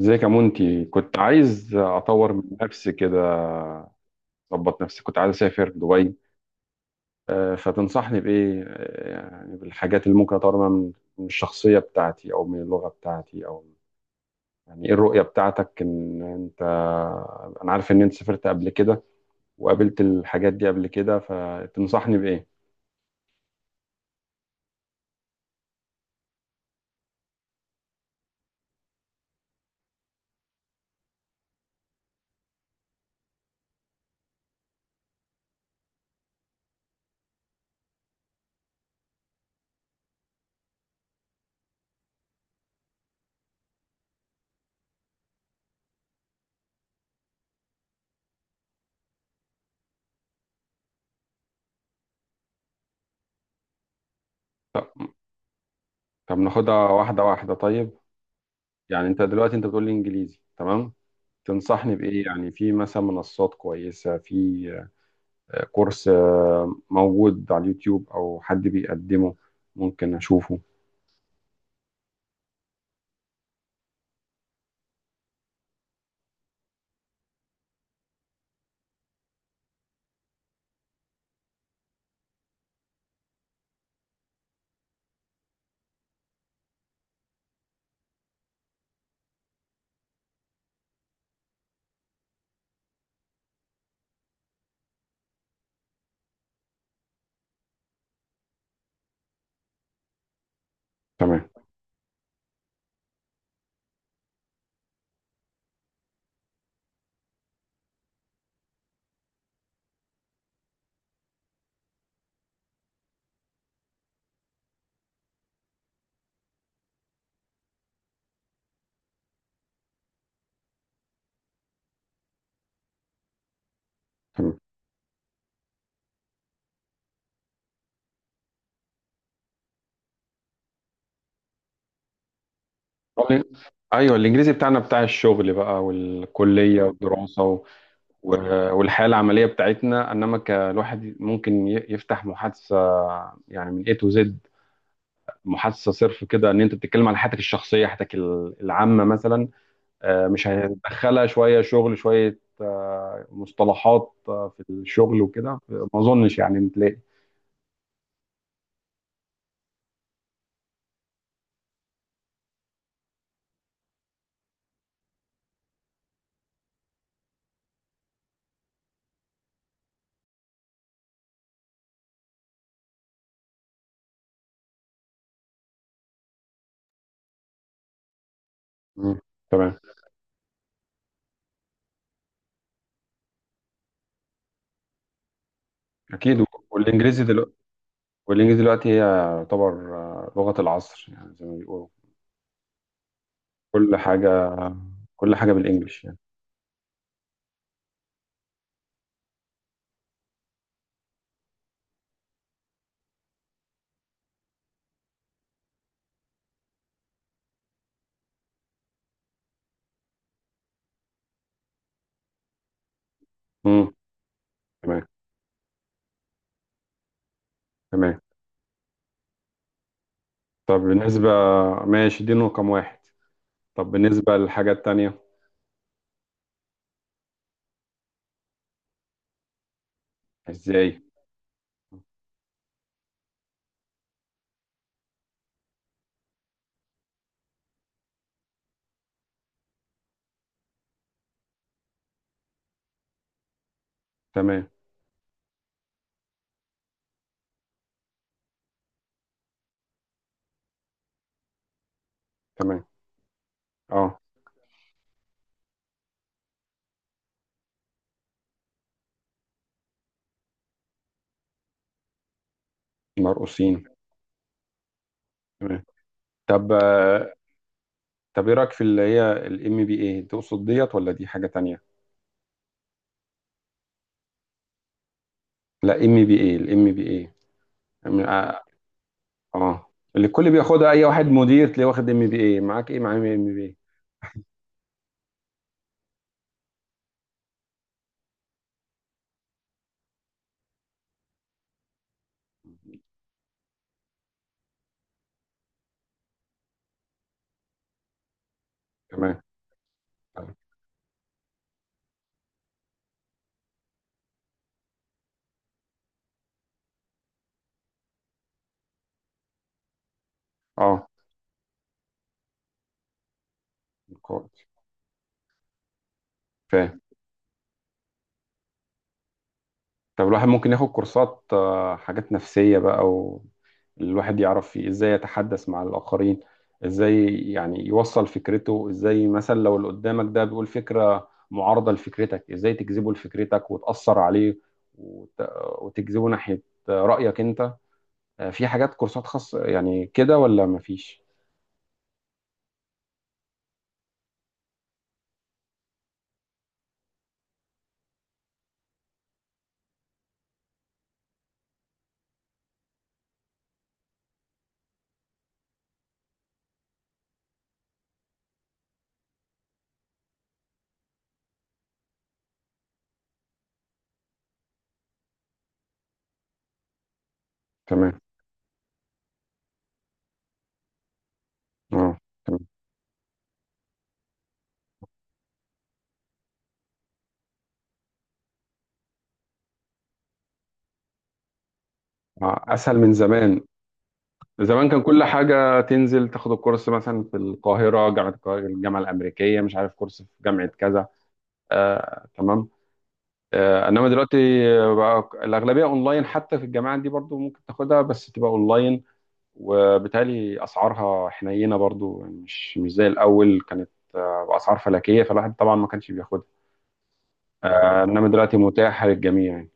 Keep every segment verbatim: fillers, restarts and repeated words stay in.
ازيك يا مونتي؟ كنت عايز اطور من نفسي كده. اظبط نفسي، كنت عايز اسافر دبي. آه، فتنصحني بايه؟ آه، يعني بالحاجات اللي ممكن اطور منها من من الشخصيه بتاعتي او من اللغه بتاعتي او... يعني ايه الرؤيه بتاعتك؟ ان انت انا عارف ان انت سافرت قبل كده وقابلت الحاجات دي قبل كده، فتنصحني بايه؟ طب ناخدها واحده واحده، طيب. يعني انت دلوقتي انت بتقول لي انجليزي تمام، تنصحني بايه؟ يعني في مثلا منصات كويسه، في كورس آه، موجود على اليوتيوب او حد بيقدمه، ممكن اشوفه. تمام. تمام. طب- ايوه، الانجليزي بتاعنا بتاع الشغل بقى والكليه والدراسه و- و- والحياه العمليه بتاعتنا، انما كالواحد ممكن ي- يفتح محادثه، يعني من A to Z، محادثه صرف كده ان انت بتتكلم على حياتك الشخصيه، حياتك ال- العامه مثلا. آه، مش هندخلها شويه شغل شويه آه، مصطلحات آه، في الشغل وكده، ما اظنش يعني تلاقي. مم. تمام. اكيد. والانجليزي دلوقتي، والانجليزي دلوقتي هي يعتبر آه، لغة العصر، يعني زي ما بيقولوا. كل حاجة، كل حاجة بالانجلش يعني. امم. تمام. تمام. طب بالنسبة ماشي، دي رقم واحد. طب بالنسبة للحاجات التانية. ازاي؟ تمام. تمام. اه. مرقوصين. تمام. طب آه، طب ايه رأيك في اللي هي الام بي اي؟ تقصد ديت ولا دي حاجة تانية؟ لا، ام بي اي، الام بي اي، اه. آه. اللي الكل بياخدها، اي واحد مدير تلاقيه واخد ام بي اي. معاك ايه؟ معاه ام بي اي، اه. كويس. فاهم. طب الواحد ممكن ياخد كورسات، آه، حاجات نفسية بقى، و... الواحد يعرف فيه ازاي يتحدث مع الآخرين، ازاي يعني يوصل فكرته، ازاي مثلا لو اللي قدامك ده بيقول فكرة معارضة لفكرتك، ازاي تجذبه لفكرتك وتأثر عليه وت... وتجذبه ناحية رأيك انت. آه، في حاجات كورسات خاصة يعني كده ولا مفيش؟ تمام. اه. تمام. آه، اسهل من زمان. زمان كان كل حاجة تنزل تاخد الكورس مثلا في القاهرة، جامعة القاهرة، الجامعة الأمريكية، مش عارف كورس في جامعة كذا. آه، تمام. آه، إنما دلوقتي بقى الأغلبية أونلاين، حتى في الجامعات دي برضو ممكن تاخدها بس تبقى أونلاين، وبالتالي أسعارها حنينة برضو، يعني مش مش زي الأول، كانت آه، بأسعار فلكية فالواحد طبعا ما كانش بياخدها. آه، إنما دلوقتي متاحة للجميع يعني.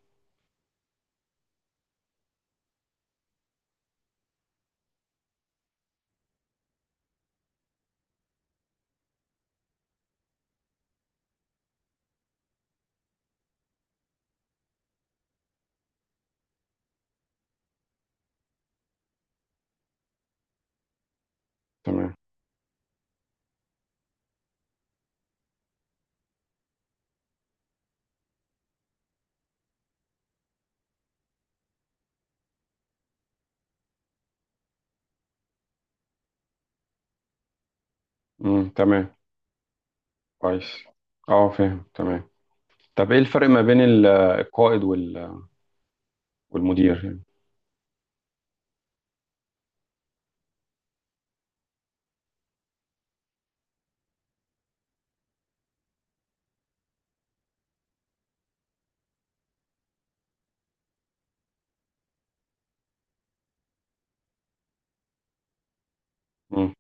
تمام. مم. تمام. كويس. أه، فاهم. تمام. طب إيه الفرق ما بين ال- القائد وال- والمدير يعني؟ مم.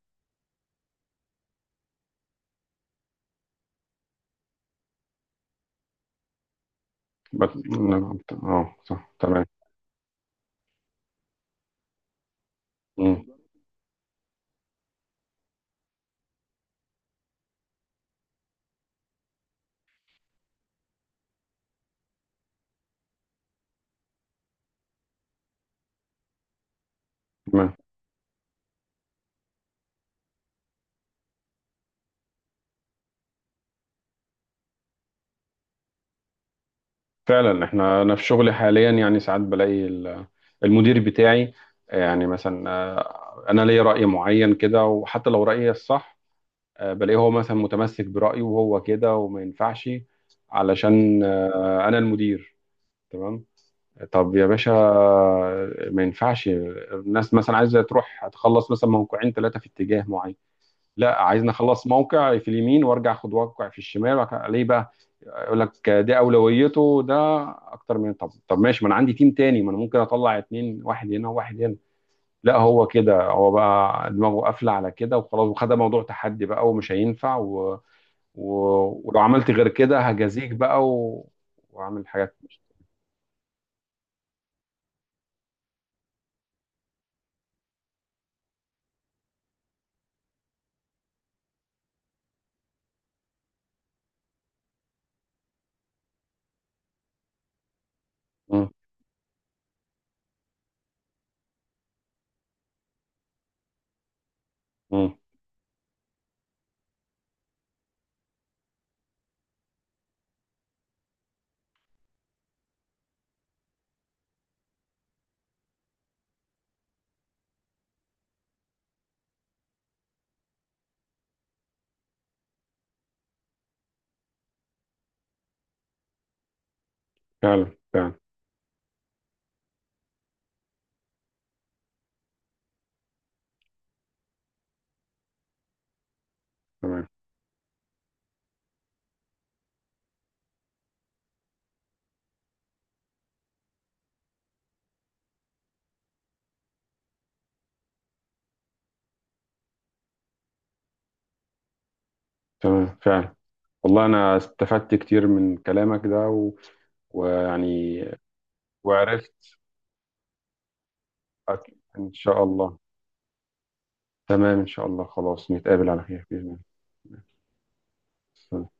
بس نعم، اه، صح، تمام. مم. تمام. فعلا، احنا انا في شغلي حاليا يعني ساعات بلاقي ال- المدير بتاعي آه، يعني مثلا، آه، انا ليا رأي معين كده، وحتى لو رأيي الصح آه، بلاقيه هو مثلا متمسك برأيه وهو كده وما ينفعش، علشان آه، انا المدير. تمام. طب يا باشا، آه، ما ينفعش الناس مثلا عايزة تروح تخلص مثلا موقعين ثلاثة في اتجاه معين؟ لا، عايزني اخلص موقع في اليمين وارجع اخد موقع في الشمال، وك- ليه بقى؟ يقول لك ده اولويته، ده اكتر من... طب طب ماشي، ما انا عندي تيم تاني، ما انا ممكن اطلع اتنين، واحد هنا وواحد هنا. لا، هو كده، هو بقى دماغه قافله على كده وخلاص، وخد موضوع تحدي بقى ومش هينفع و... و... ولو عملت غير كده هجازيك بقى و... واعمل حاجات مش... مم. مم. فعلا، فعلا. تمام، تمام. فعلا، والله انا استفدت كتير من كلامك ده و... ويعني... وعرفت. أكيد إن شاء الله. تمام، إن شاء الله. خلاص، نتقابل على خير بإذن الله.